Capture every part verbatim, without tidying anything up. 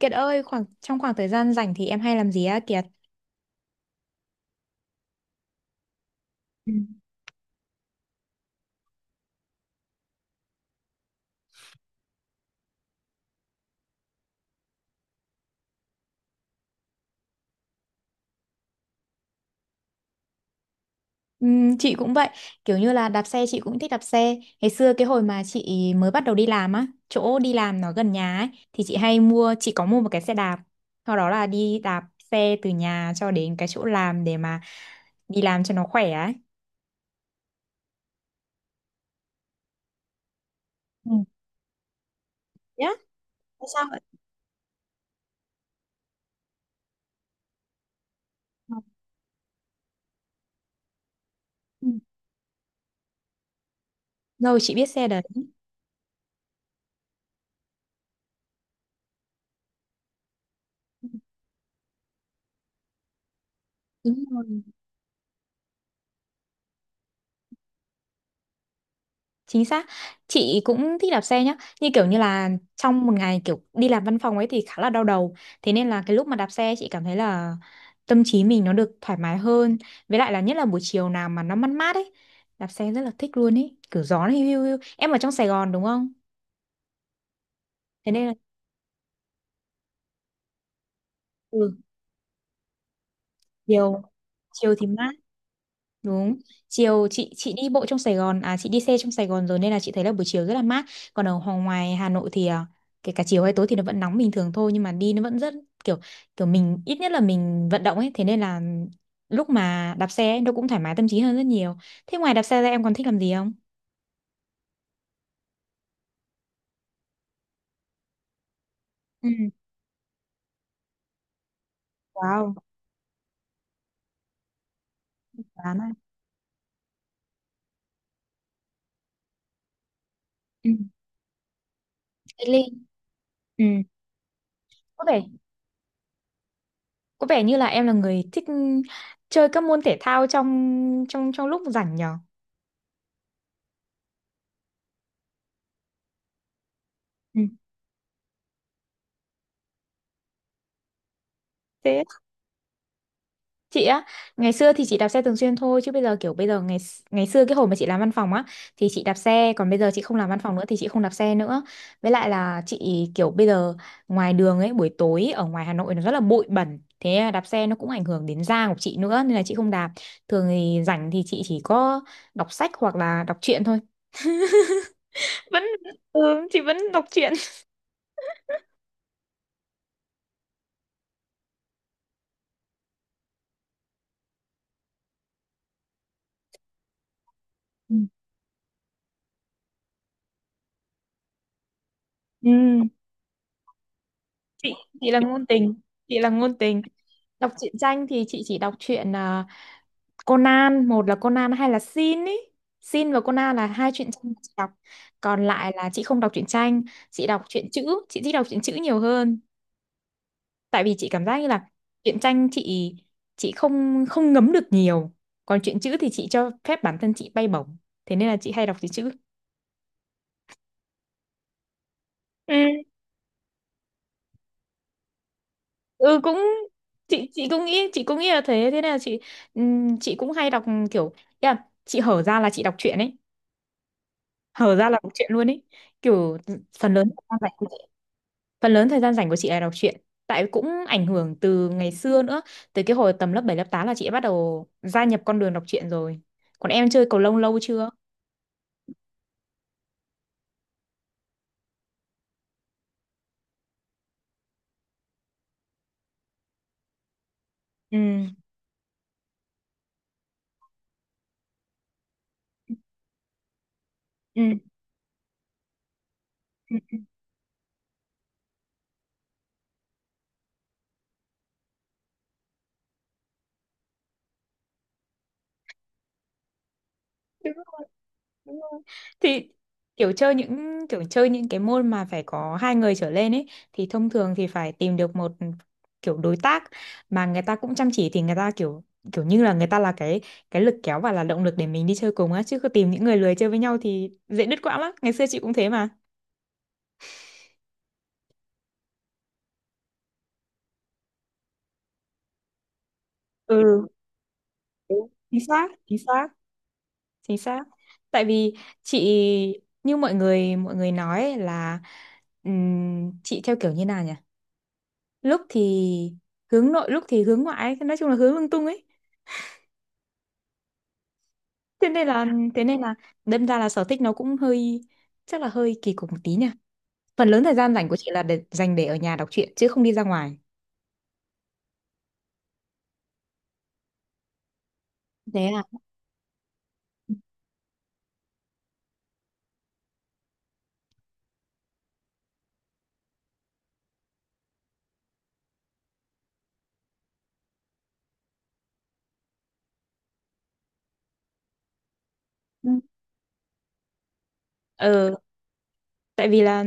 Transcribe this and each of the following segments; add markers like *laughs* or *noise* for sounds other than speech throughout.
Kiệt ơi, khoảng trong khoảng thời gian rảnh thì em hay làm gì á Kiệt? Ừ. Ừm, chị cũng vậy, kiểu như là đạp xe chị cũng thích đạp xe. Ngày xưa cái hồi mà chị mới bắt đầu đi làm á, chỗ đi làm nó gần nhà ấy thì chị hay mua, chị có mua một cái xe đạp. Sau đó là đi đạp xe từ nhà cho đến cái chỗ làm để mà đi làm cho nó khỏe ấy. Ừ. Rồi chị biết xe đấy. Đúng rồi. Chính xác, chị cũng thích đạp xe nhá. Như kiểu như là trong một ngày kiểu đi làm văn phòng ấy thì khá là đau đầu. Thế nên là cái lúc mà đạp xe chị cảm thấy là tâm trí mình nó được thoải mái hơn. Với lại là nhất là buổi chiều nào mà nó mát mát ấy. Đạp xe rất là thích luôn ấy, kiểu gió nó hiu hiu hiu. Em ở trong Sài Gòn đúng không? Thế nên là ừ, chiều, chiều thì mát. Đúng. Chiều chị chị đi bộ trong Sài Gòn à chị đi xe trong Sài Gòn rồi nên là chị thấy là buổi chiều rất là mát. Còn ở ho- ngoài Hà Nội thì à, kể cả chiều hay tối thì nó vẫn nóng bình thường thôi nhưng mà đi nó vẫn rất kiểu kiểu mình ít nhất là mình vận động ấy, thế nên là lúc mà đạp xe ấy, nó cũng thoải mái tâm trí hơn rất nhiều. Thế ngoài đạp xe ra em còn thích làm gì không? Ừ. Wow, đoán à. Ừ. Thế Linh. Ừ. Có vẻ có vẻ như là em là người thích chơi các môn thể thao trong trong trong lúc rảnh nhở? Ừ. Thế chị á, ngày xưa thì chị đạp xe thường xuyên thôi, chứ bây giờ kiểu bây giờ ngày ngày xưa cái hồi mà chị làm văn phòng á thì chị đạp xe, còn bây giờ chị không làm văn phòng nữa thì chị không đạp xe nữa. Với lại là chị kiểu, bây giờ ngoài đường ấy buổi tối ở ngoài Hà Nội nó rất là bụi bẩn, thế đạp xe nó cũng ảnh hưởng đến da của chị nữa nên là chị không đạp. Thường thì rảnh thì chị chỉ có đọc sách hoặc là đọc truyện thôi, vẫn ừ, chị vẫn đọc truyện. Ừ. ừ, chị chị là ngôn tình, chị là ngôn tình. Đọc truyện tranh thì chị chỉ đọc truyện à, Conan, một là Conan hay là Sin ý. Sin và Conan là hai truyện tranh mà chị đọc, còn lại là chị không đọc truyện tranh. Chị đọc truyện chữ, chị thích đọc truyện chữ nhiều hơn. Tại vì chị cảm giác như là truyện tranh chị chị không không ngấm được nhiều, còn truyện chữ thì chị cho phép bản thân chị bay bổng. Thế nên là chị hay đọc truyện chữ. Ừ. ừ cũng chị chị cũng nghĩ chị cũng nghĩ là thế thế nên là chị ừm, chị cũng hay đọc, kiểu, ý là chị hở ra là chị đọc truyện ấy, hở ra là đọc truyện luôn ấy, kiểu phần lớn thời gian rảnh của phần lớn thời gian rảnh của chị là đọc truyện. Tại cũng ảnh hưởng từ ngày xưa nữa, từ cái hồi tầm lớp bảy lớp tám là chị đã bắt đầu gia nhập con đường đọc truyện rồi. Còn em chơi cầu lông lâu chưa? Ừ. Ừ. Ừ. Ừ. Đúng rồi, đúng rồi. Thì kiểu chơi những kiểu chơi những cái môn mà phải có hai người trở lên ấy thì thông thường thì phải tìm được một kiểu đối tác mà người ta cũng chăm chỉ, thì người ta kiểu kiểu như là người ta là cái cái lực kéo và là động lực để mình đi chơi cùng á, chứ cứ tìm những người lười chơi với nhau thì dễ đứt quãng lắm. Ngày xưa chị cũng thế. Ừ, đúng. Chính xác, chính xác, chính xác. Tại vì chị, như mọi người mọi người nói ấy, là ừm, chị theo kiểu như nào nhỉ, lúc thì hướng nội lúc thì hướng ngoại ấy. Nói chung là hướng lung tung ấy. Thế nên là, thế nên là đâm ra là sở thích nó cũng hơi, chắc là hơi kỳ cục một tí nha. Phần lớn thời gian rảnh của chị là để dành để ở nhà đọc truyện chứ không đi ra ngoài. Thế à. ờ Tại vì là,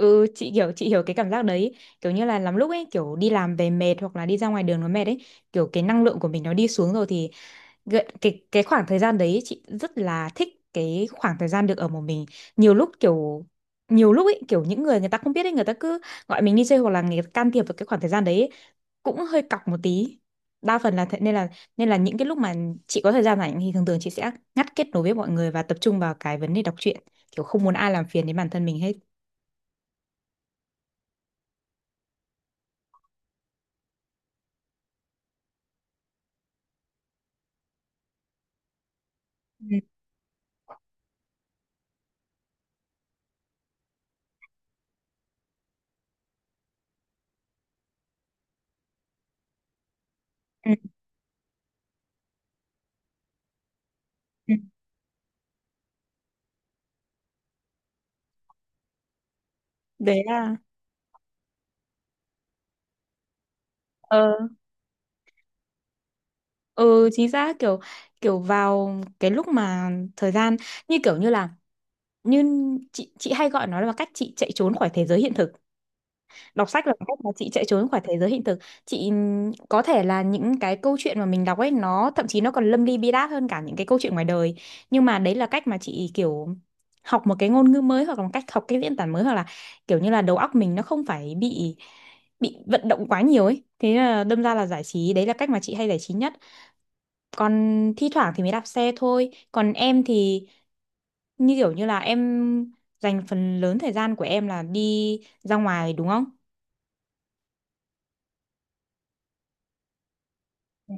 ừ chị hiểu, chị hiểu cái cảm giác đấy, kiểu như là lắm lúc ấy kiểu đi làm về mệt, hoặc là đi ra ngoài đường nó mệt ấy, kiểu cái năng lượng của mình nó đi xuống rồi, thì gợi- cái cái khoảng thời gian đấy chị rất là thích, cái khoảng thời gian được ở một mình. nhiều lúc kiểu nhiều lúc ấy kiểu những người người ta không biết ấy, người ta cứ gọi mình đi chơi hoặc là người ta can thiệp vào cái khoảng thời gian đấy, cũng hơi cọc một tí. Đa phần là thế, nên là, nên là những cái lúc mà chị có thời gian rảnh thì thường thường chị sẽ ngắt kết nối với mọi người và tập trung vào cái vấn đề đọc truyện, kiểu không muốn ai làm phiền đến bản thân mình hết. Ừ, ừ, ừ. Đấy là, ờ ừ chính xác, kiểu kiểu vào cái lúc mà thời gian, như kiểu như là như chị chị hay gọi nó là cách chị chạy trốn khỏi thế giới hiện thực. Đọc sách là cách mà chị chạy trốn khỏi thế giới hiện thực. Chị ừm, có thể là những cái câu chuyện mà mình đọc ấy nó thậm chí nó còn lâm ly bi đát hơn cả những cái câu chuyện ngoài đời, nhưng mà đấy là cách mà chị kiểu học một cái ngôn ngữ mới hoặc là một cách học cái diễn tả mới, hoặc là kiểu như là đầu óc mình nó không phải bị bị vận động quá nhiều ấy, thế là đâm ra là giải trí, đấy là cách mà chị hay giải trí nhất. Còn thi thoảng thì mới đạp xe thôi, còn em thì như kiểu như là em dành phần lớn thời gian của em là đi ra ngoài đúng không? Ừ.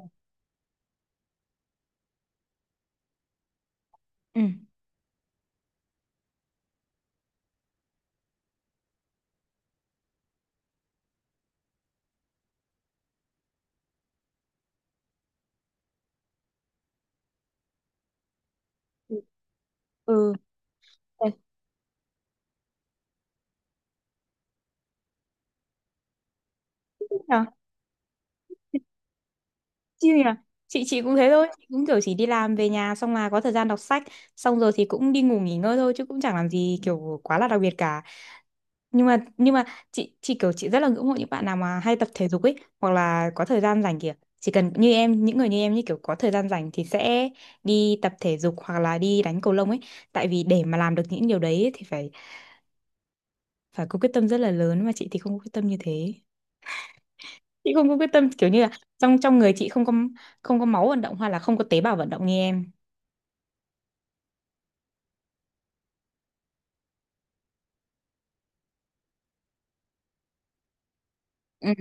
Ừ. Ừ. Ừ. Thế thích nhờ, chill nhờ. Chị chị cũng thế thôi, chị cũng kiểu chỉ đi làm về nhà xong là có thời gian đọc sách, xong rồi thì cũng đi ngủ nghỉ ngơi thôi chứ cũng chẳng làm gì kiểu quá là đặc biệt cả. Nhưng mà nhưng mà, chị chị kiểu, chị rất là ngưỡng mộ những bạn nào mà hay tập thể dục ấy, hoặc là có thời gian rảnh kìa, chỉ cần như em, những người như em, như kiểu có thời gian rảnh thì sẽ đi tập thể dục hoặc là đi đánh cầu lông ấy. Tại vì để mà làm được những điều đấy ấy thì phải, phải có quyết tâm rất là lớn, mà chị thì không có quyết tâm như thế. Chị không có quyết tâm kiểu như là trong trong người chị không có, không có máu vận động hoặc là không có tế bào vận động như em. Ừ.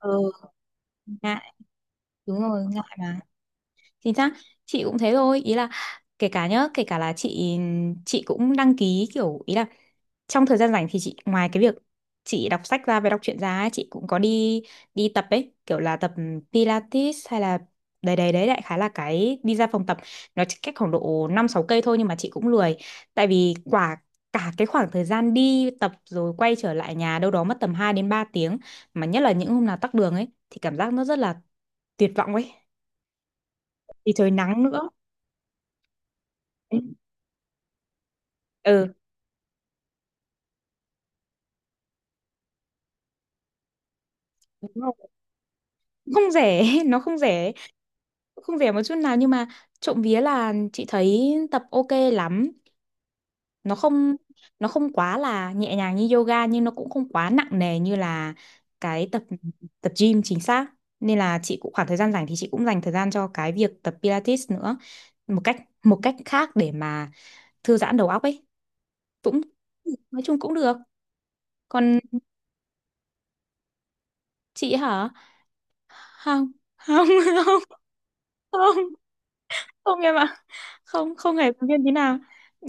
Ừ. Ngại. Đúng rồi, ngại mà. Chính xác, chị cũng thế thôi, ý là kể cả nhá, kể cả là chị chị cũng đăng ký kiểu, ý là trong thời gian rảnh thì chị ngoài cái việc chị đọc sách ra và đọc truyện ra ấy, chị cũng có đi, đi tập ấy, kiểu là tập Pilates hay là, đấy đấy đấy, đại khái là cái đi ra phòng tập nó chỉ cách khoảng độ năm sáu cây thôi nhưng mà chị cũng lười. Tại vì quả, cả cái khoảng thời gian đi tập rồi quay trở lại nhà đâu đó mất tầm hai đến ba tiếng, mà nhất là những hôm nào tắc đường ấy thì cảm giác nó rất là tuyệt vọng ấy, thì trời nắng nữa. Ừ. Ừ, đúng không? Không rẻ, *laughs* nó không rẻ, không rẻ một chút nào, nhưng mà trộm vía là chị thấy tập ok lắm. Nó không nó không quá là nhẹ nhàng như yoga, nhưng nó cũng không quá nặng nề như là cái tập, tập gym, chính xác. Nên là chị cũng khoảng thời gian rảnh thì chị cũng dành thời gian cho cái việc tập Pilates nữa. Một cách, một cách khác để mà thư giãn đầu óc ấy. Cũng nói chung cũng được. Còn chị hả? Không, không, *laughs* không, không, không em ạ, không không hề động viên tí nào,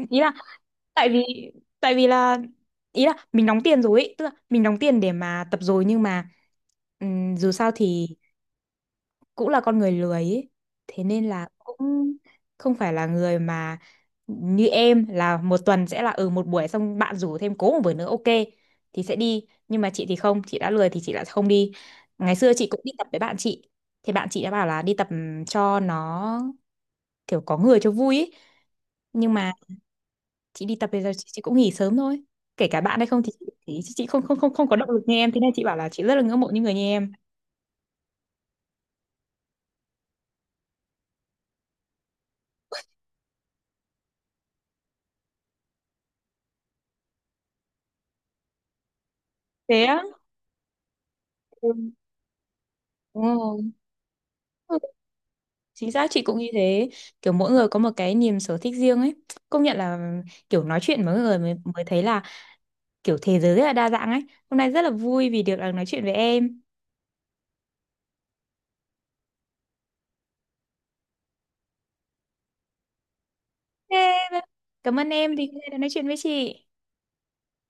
ý là tại vì, tại vì là ý là mình đóng tiền rồi ý, tức là mình đóng tiền để mà tập rồi, nhưng mà ừm, dù sao thì cũng là con người lười ý. Thế nên là cũng không phải là người mà như em là một tuần sẽ là, ừ, một buổi, xong bạn rủ thêm cố một buổi nữa ok thì sẽ đi, nhưng mà chị thì không, chị đã lười thì chị lại không đi. Ngày xưa chị cũng đi tập với bạn chị, thì bạn chị đã bảo là đi tập cho nó kiểu có người cho vui ý. Nhưng mà chị đi tập bây giờ, chị, chị cũng nghỉ sớm thôi, kể cả bạn hay không, thì thì chị không không không không có động lực như em, thế nên chị bảo là chị rất là ngưỡng mộ những người như em. Thế á. Ừ. Đúng rồi. Chính xác, chị cũng như thế, kiểu mỗi người có một cái niềm sở thích riêng ấy. Công nhận là kiểu nói chuyện với mọi người mới, mới thấy là kiểu thế giới rất là đa dạng ấy. Hôm nay rất là vui vì được à, nói chuyện với em. Ê, vâng. Cảm ơn em thì hôm nay đã nói chuyện với chị.